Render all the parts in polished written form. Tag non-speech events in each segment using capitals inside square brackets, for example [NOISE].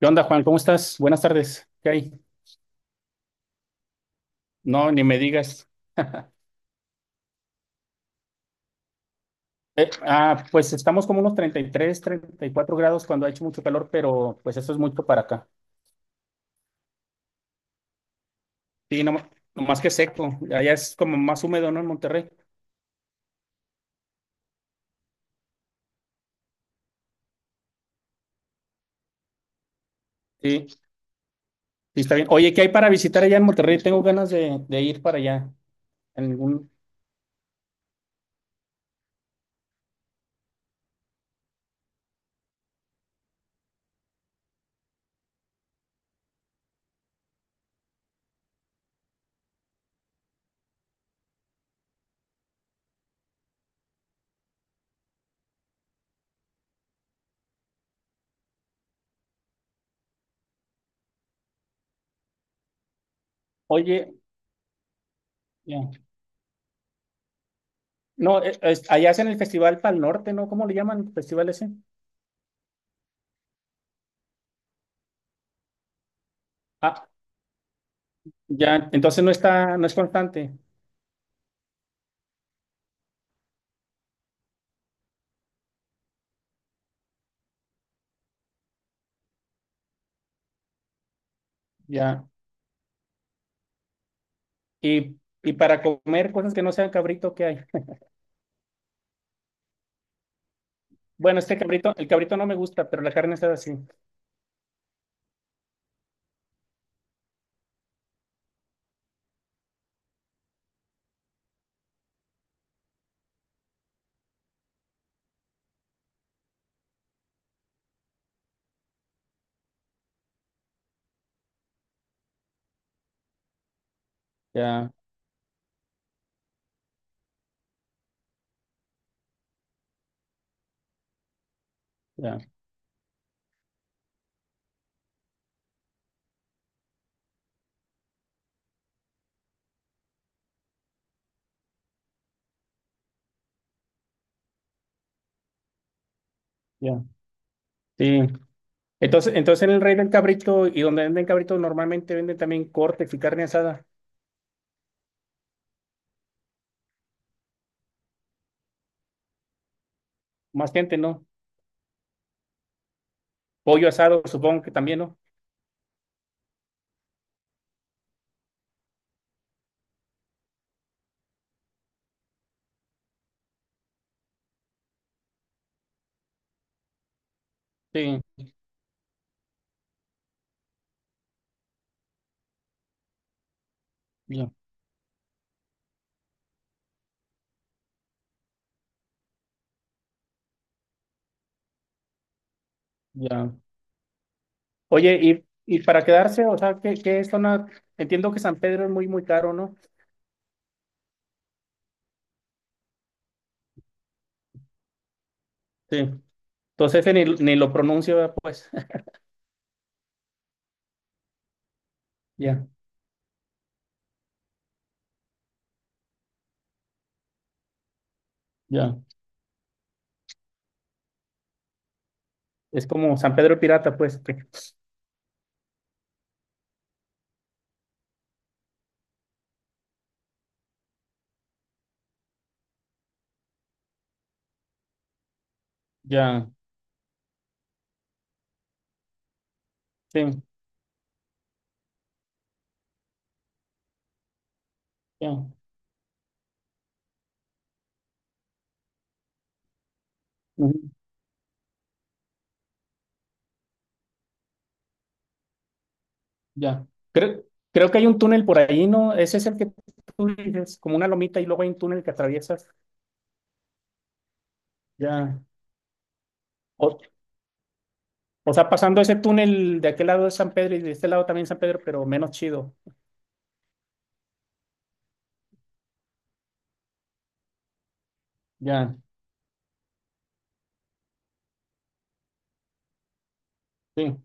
¿Qué onda, Juan? ¿Cómo estás? Buenas tardes. ¿Qué hay? No, ni me digas. [LAUGHS] Pues estamos como unos treinta y tres, treinta y cuatro grados cuando ha hecho mucho calor, pero pues eso es mucho para acá. Sí, no, más que seco. Allá es como más húmedo, ¿no? En Monterrey. Sí, sí, está bien. Oye, ¿qué hay para visitar allá en Monterrey? Tengo ganas de ir para allá. En un- Oye, ya. No, allá hacen el Festival Pal Norte, ¿no? ¿Cómo le llaman? ¿Festival ese? Ah, ya. Entonces no está, no es constante. Ya. Y, y para comer cosas que no sean cabrito, ¿qué hay? [LAUGHS] Bueno, este cabrito, el cabrito no me gusta, pero la carne está así. Ya, ya, ya. Sí. Entonces en el Rey del Cabrito y donde venden cabrito normalmente venden también cortes y carne asada. Más gente, ¿no? Pollo asado, supongo que también, ¿no? Sí, ya, ya. Oye, y para quedarse, o sea, que es zona, entiendo que San Pedro es muy caro, ¿no? Sí. Entonces ese ni lo pronuncio, ¿verdad? Pues. [LAUGHS] Ya, ya. Es como San Pedro Pirata, pues. Ya. Sí, ya. Ujú, ya. Creo, creo que hay un túnel por ahí, ¿no? Ese es el que tú dices, como una lomita y luego hay un túnel que atraviesas. Ya. O, o sea, pasando ese túnel de aquel lado de San Pedro y de este lado también San Pedro, pero menos chido. Ya, sí.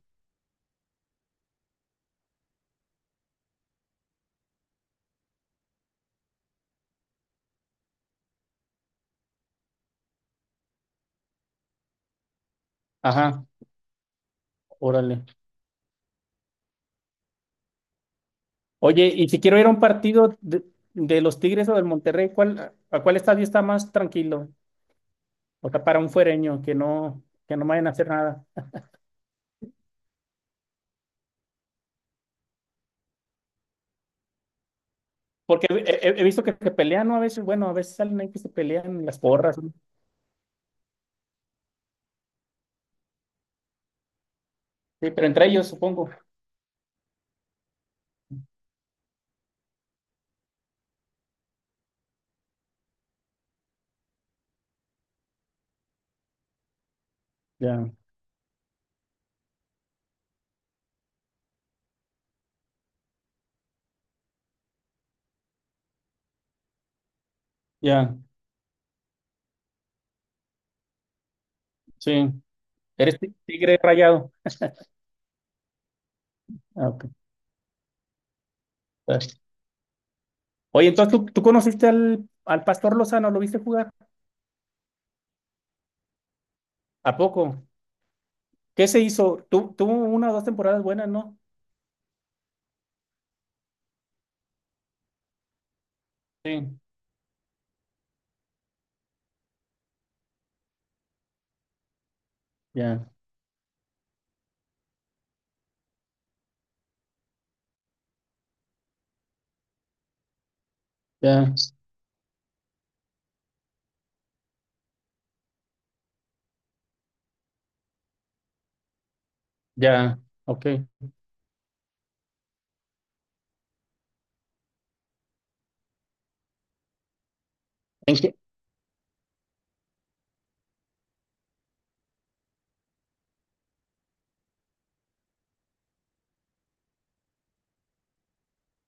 Ajá, órale. Oye, y si quiero ir a un partido de los Tigres o del Monterrey, ¿cuál, a cuál estadio está más tranquilo? O sea, para un fuereño que no vayan a hacer nada. Porque he visto que se pelean, ¿no? A veces, bueno, a veces salen ahí que se pelean las porras, ¿no? Sí, pero entre ellos, supongo. Ya, ya, sí. Eres tigre rayado. Ah, ok, está bien. Oye, entonces tú conociste al Pastor Lozano? ¿Lo viste jugar? ¿A poco? ¿Qué se hizo? Tuvo una o dos temporadas buenas, ¿no? Sí, ya, ya, ya, ok. ¿En qué?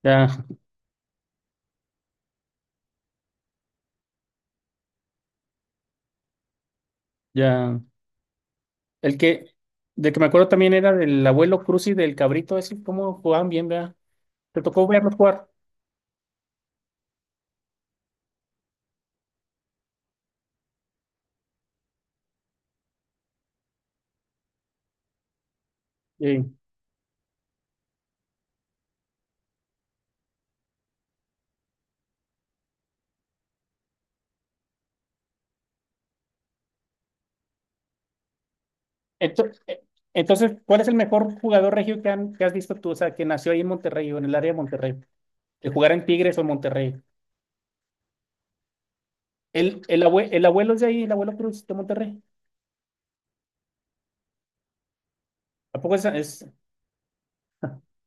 Ya, ya. El que, de que me acuerdo también era del abuelo Cruz y del cabrito, ese, cómo jugaban bien, ¿verdad? ¿Te tocó verlos jugar? Sí. Ento- eh, Entonces, ¿cuál es el mejor jugador regio que has visto tú? O sea, que nació ahí en Monterrey o en el área de Monterrey, que jugara en Tigres o en Monterrey. El abuelo es de ahí, el abuelo Cruz de Monterrey. ¿A poco es- [LAUGHS]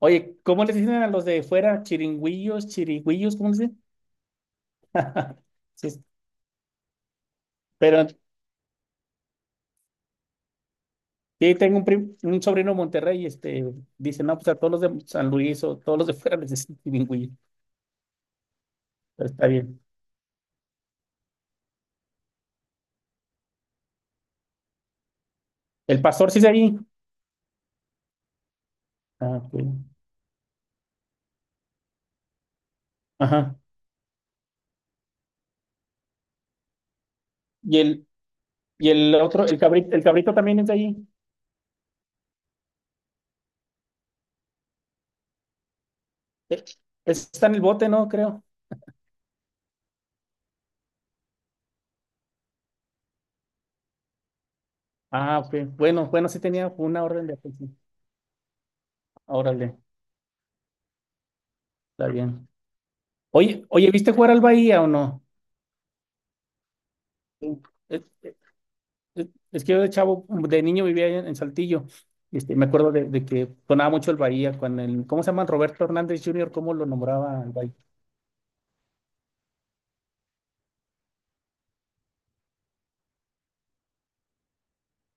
Oye, ¿cómo les dicen a los de fuera? Chiringüillos, chirigüillos, ¿cómo les dicen? [LAUGHS] Sí, pero sí, tengo un sobrino de Monterrey y dice, no, pues a todos los de San Luis o todos los de fuera les dicen chiringüillos. Pero está bien. El pastor sí es de ahí. Ah, ok. Ajá. Y el, y el otro, el cabrito también es de ahí. Eh, Está en el bote, ¿no? Creo. Ah, ok. Bueno, sí tenía una orden de aprehensión. Órale, está bien. Oye, ¿viste jugar al Bahía o no? Es, es- es que yo de chavo, de niño vivía en Saltillo. Este, me acuerdo de que sonaba mucho el Bahía con el, ¿cómo se llama? Roberto Hernández Jr., ¿cómo lo nombraba el Bahía?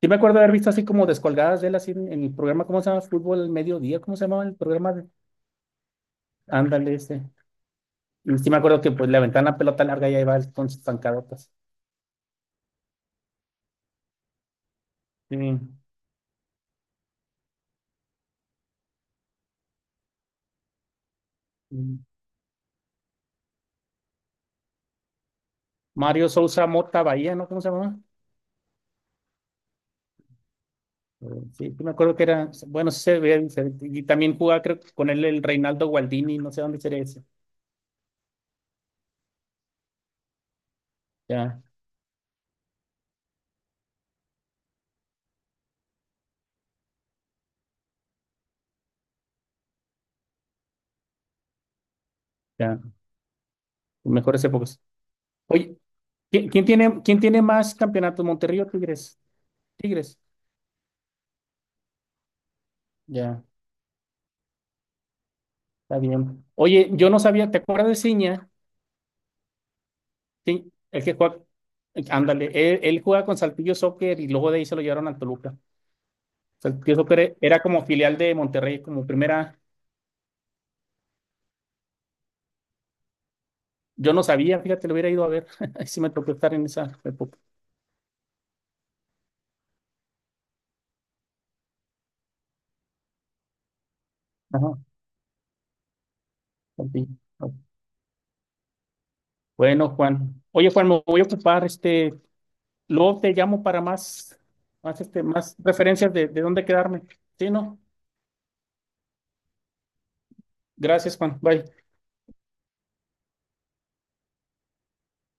Sí me acuerdo de haber visto así como descolgadas de él así en el programa, ¿cómo se llama? Fútbol al mediodía, ¿cómo se llamaba el programa? Ándale, ese. Y sí me acuerdo que pues le aventaban la pelota larga y ahí va él con sus pancadotas. Sí. Mm. Mario Sousa Mota Bahía, ¿no? ¿Cómo se llamaba? Eh, Sí, sí me acuerdo que era, bueno, sí se veía diferente. Y también jugaba, creo que con él el Reinaldo Gualdini, no sé dónde sería ese. Ya, ya, mejores épocas. Oye, quién tiene más campeonatos, Monterrey o Tigres? Tigres. Ya, está bien. Oye, yo no sabía, ¿te acuerdas de Ciña? Sí, el que juega, ándale, él jugaba con Saltillo Soccer y luego de ahí se lo llevaron al Toluca. O sea, pienso que era como filial de Monterrey, como primera. Yo no sabía, fíjate, lo hubiera ido a ver. [LAUGHS] Ahí sí me tocó estar en esa época. Ajá, Saltillo. Bueno, Juan. Oye, Juan, me voy a ocupar, este, luego te llamo para más, más, este, más referencias de dónde quedarme. Sí, ¿no? Gracias, Juan. Bye.